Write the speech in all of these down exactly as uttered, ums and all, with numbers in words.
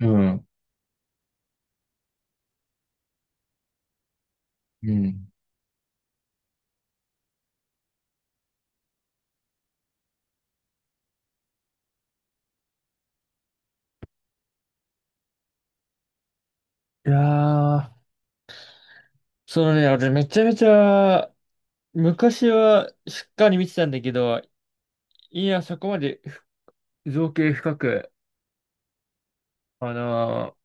うん。うん。いやー、そのね、俺めちゃめちゃ、昔はしっかり見てたんだけど、いや、そこまで造形深く、あの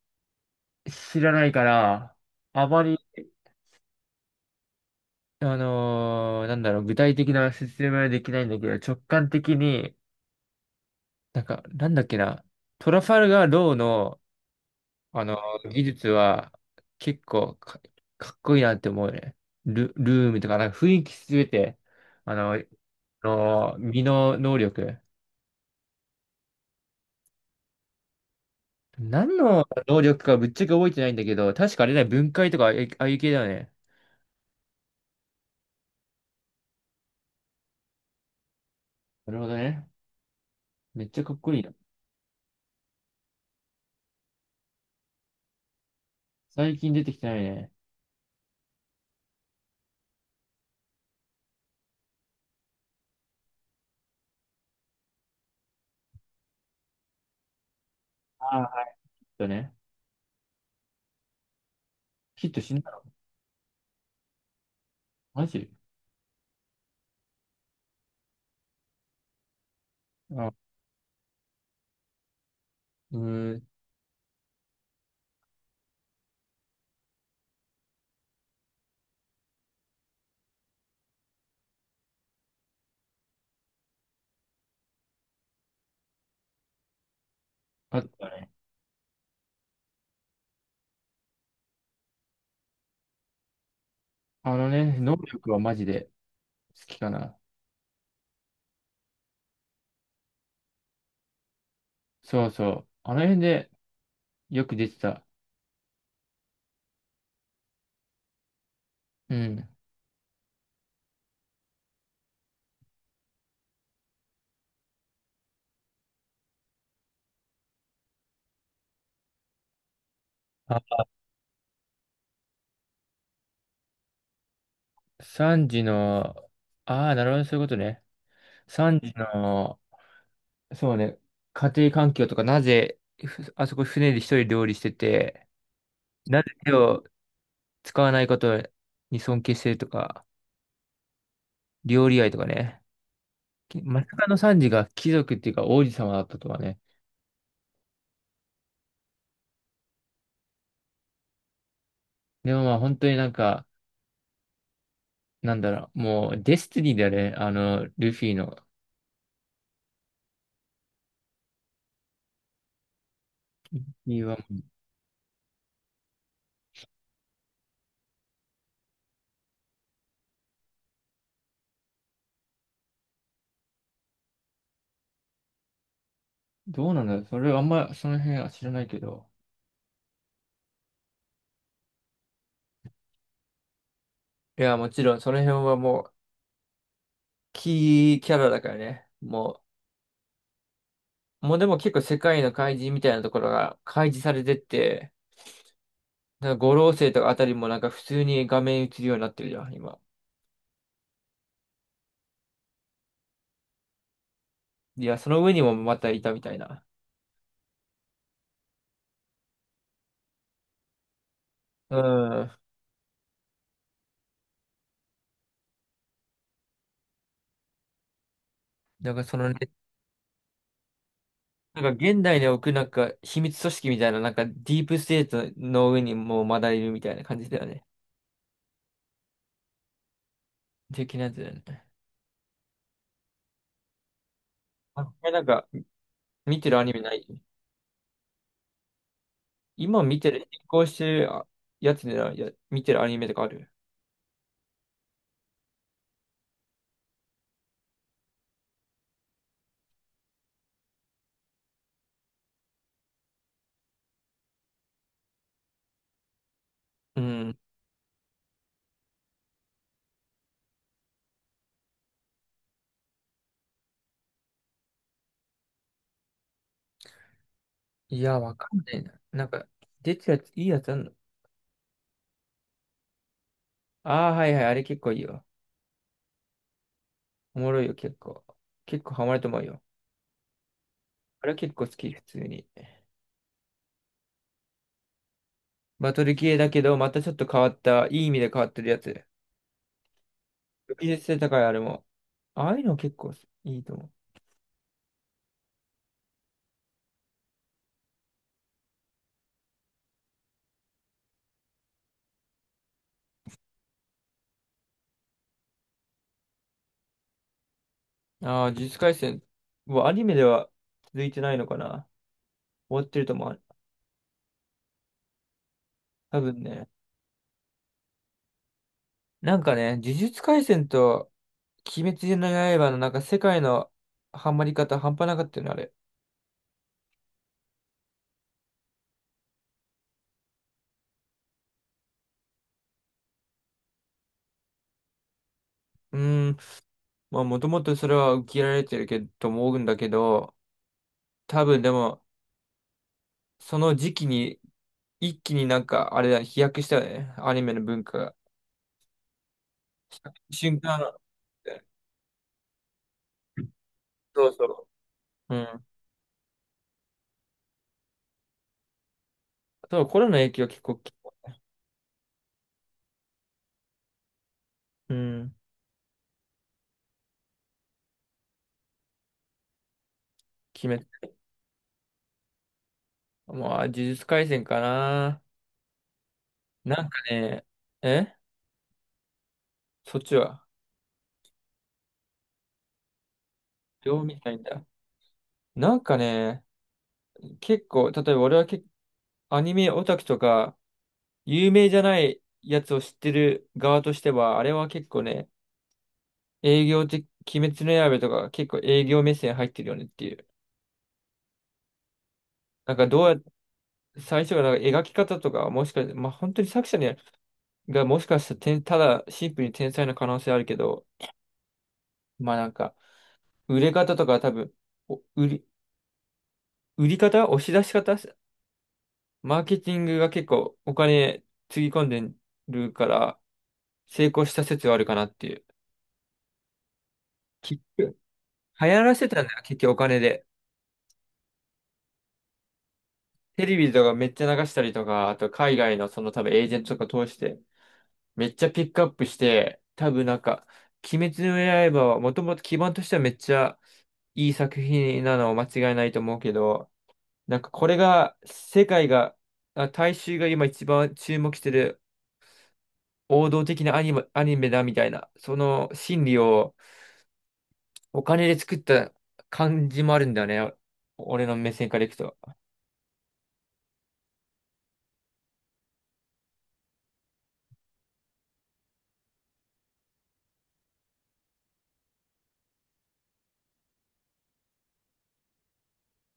ー知らないから、あまり、あのーなんだろう、具体的な説明はできないんだけど、直感的に、なんか、なんだっけな、トラファルガー・ローの、あのー技術は、結構か、かっこいいなって思うね。ル、ルームとか、なんか雰囲気すべて、あの、の身の能力。何の能力かぶっちゃけ覚えてないんだけど、確かあれだよ、分解とかああいうああいう系だよね。なるほどね。めっちゃかっこいいな。最近出てきてないね。ああ。だね。ヒット死んだの？マジ？あ、うーん。あったね。あのね、能力はマジで好きかな。そうそう。あの辺でよく出てた。うん。あ、さんじの、ああ、なるほどね、そういうことね。さんじの、そうね、家庭環境とか、なぜ、ふあそこ船で一人料理してて、なぜ手を使わないことに尊敬してるとか、料理愛とかね。きまさかのサンジが貴族っていうか王子様だったとはね。でもまあ本当になんか、なんだろう、もうデスティニーだよね、あの、ルフィの。いや、どうなんだろう、それはあんまその辺は知らないけど。いや、もちろんその辺はもうキーキャラだからね。もう、もうでも結構世界の怪人みたいなところが開示されてって、なんか五老星とかあたりもなんか普通に画面映るようになってるじゃん、今。いや、その上にもまたいたみたいな。うん。なんかそのね、なんか現代に置くなんか秘密組織みたいな、なんかディープステートの上にもうまだいるみたいな感じだよね。的なやつだよね。あ、これなんか見てるアニメない？今見てる、進行してるあやつでな、や、見てるアニメとかある？うん。いや、わかんないな。なんか、出てるやつ、いいやつあんの？ああー、はいはい、あれ結構いいよ。おもろいよ、結構。結構ハマると思うよ。あれは結構好き、普通に。バトル系だけど、またちょっと変わった、いい意味で変わってるやつ。技術性高い、あれも。ああいうの結構いいと思う。ああ、呪術廻戦。もうアニメでは続いてないのかな？終わってると思う。多分ね。なんかね、呪術廻戦と鬼滅の刃のなんか世界のハマり方半端なかったよね、あれ。うーん。まあもともとそれは受け入れられてるけど、と思うんだけど、多分でも、その時期に、一気になんか、あれだ、飛躍したよね。アニメの文化が。瞬間の、そうそう。うん。そうコロナの影響は結構。うん、決め、もう、あ呪術廻戦かな。なんかね、えそっちはどう見たいんだ。なんかね、結構、例えば俺は結構アニメオタクとか、有名じゃないやつを知ってる側としては、あれは結構ね、営業的、鬼滅の刃とか結構営業目線入ってるよねっていう。なんかどうやっ最初がなんか描き方とか、もしか、まあ本当に作者にがもしかしたら天ただシンプルに天才の可能性あるけど、まあなんか、売れ方とか多分、お売り、売り方、押し出し方、マーケティングが結構お金つぎ込んでるから、成功した説はあるかなっていう。結局、流行らせたんだよ、結局お金で。テレビとかめっちゃ流したりとか、あと海外のその多分エージェントとか通して、めっちゃピックアップして、多分なんか、鬼滅の刃はもともと基盤としてはめっちゃいい作品なの間違いないと思うけど、なんかこれが世界が、あ大衆が今一番注目してる王道的なアニメ、アニメだみたいな、その心理をお金で作った感じもあるんだよね。お俺の目線からいくと。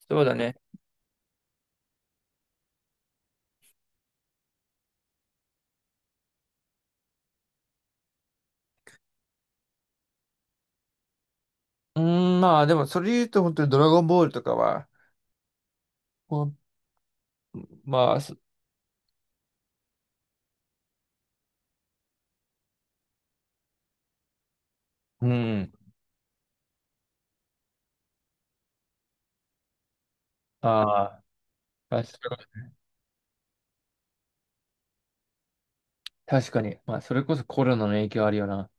そうだね。うーん、まあでもそれで言うと本当にドラゴンボールとかは、ほんまあ、そうん、ああ、確か確かに。まあ、それこそコロナの影響あるよな。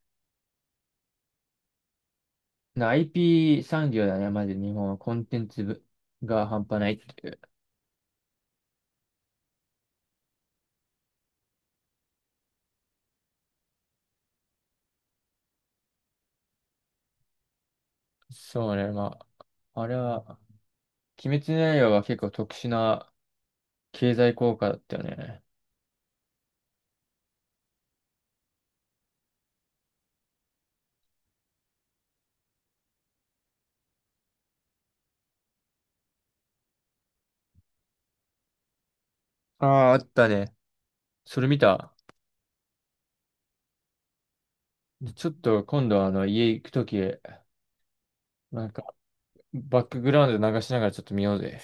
な アイピー 産業だね、まず日本はコンテンツ部が半端ないっていう。そうね、まあ、あれは、鬼滅の刃は結構特殊な経済効果だったよね。ああ、あったね。それ見た。でちょっと今度あの家行くとき、なんかバックグラウンド流しながらちょっと見ようぜ。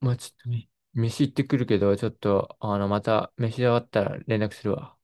まあちょっとね、飯行ってくるけど、ちょっとあのまた飯終わったら連絡するわ。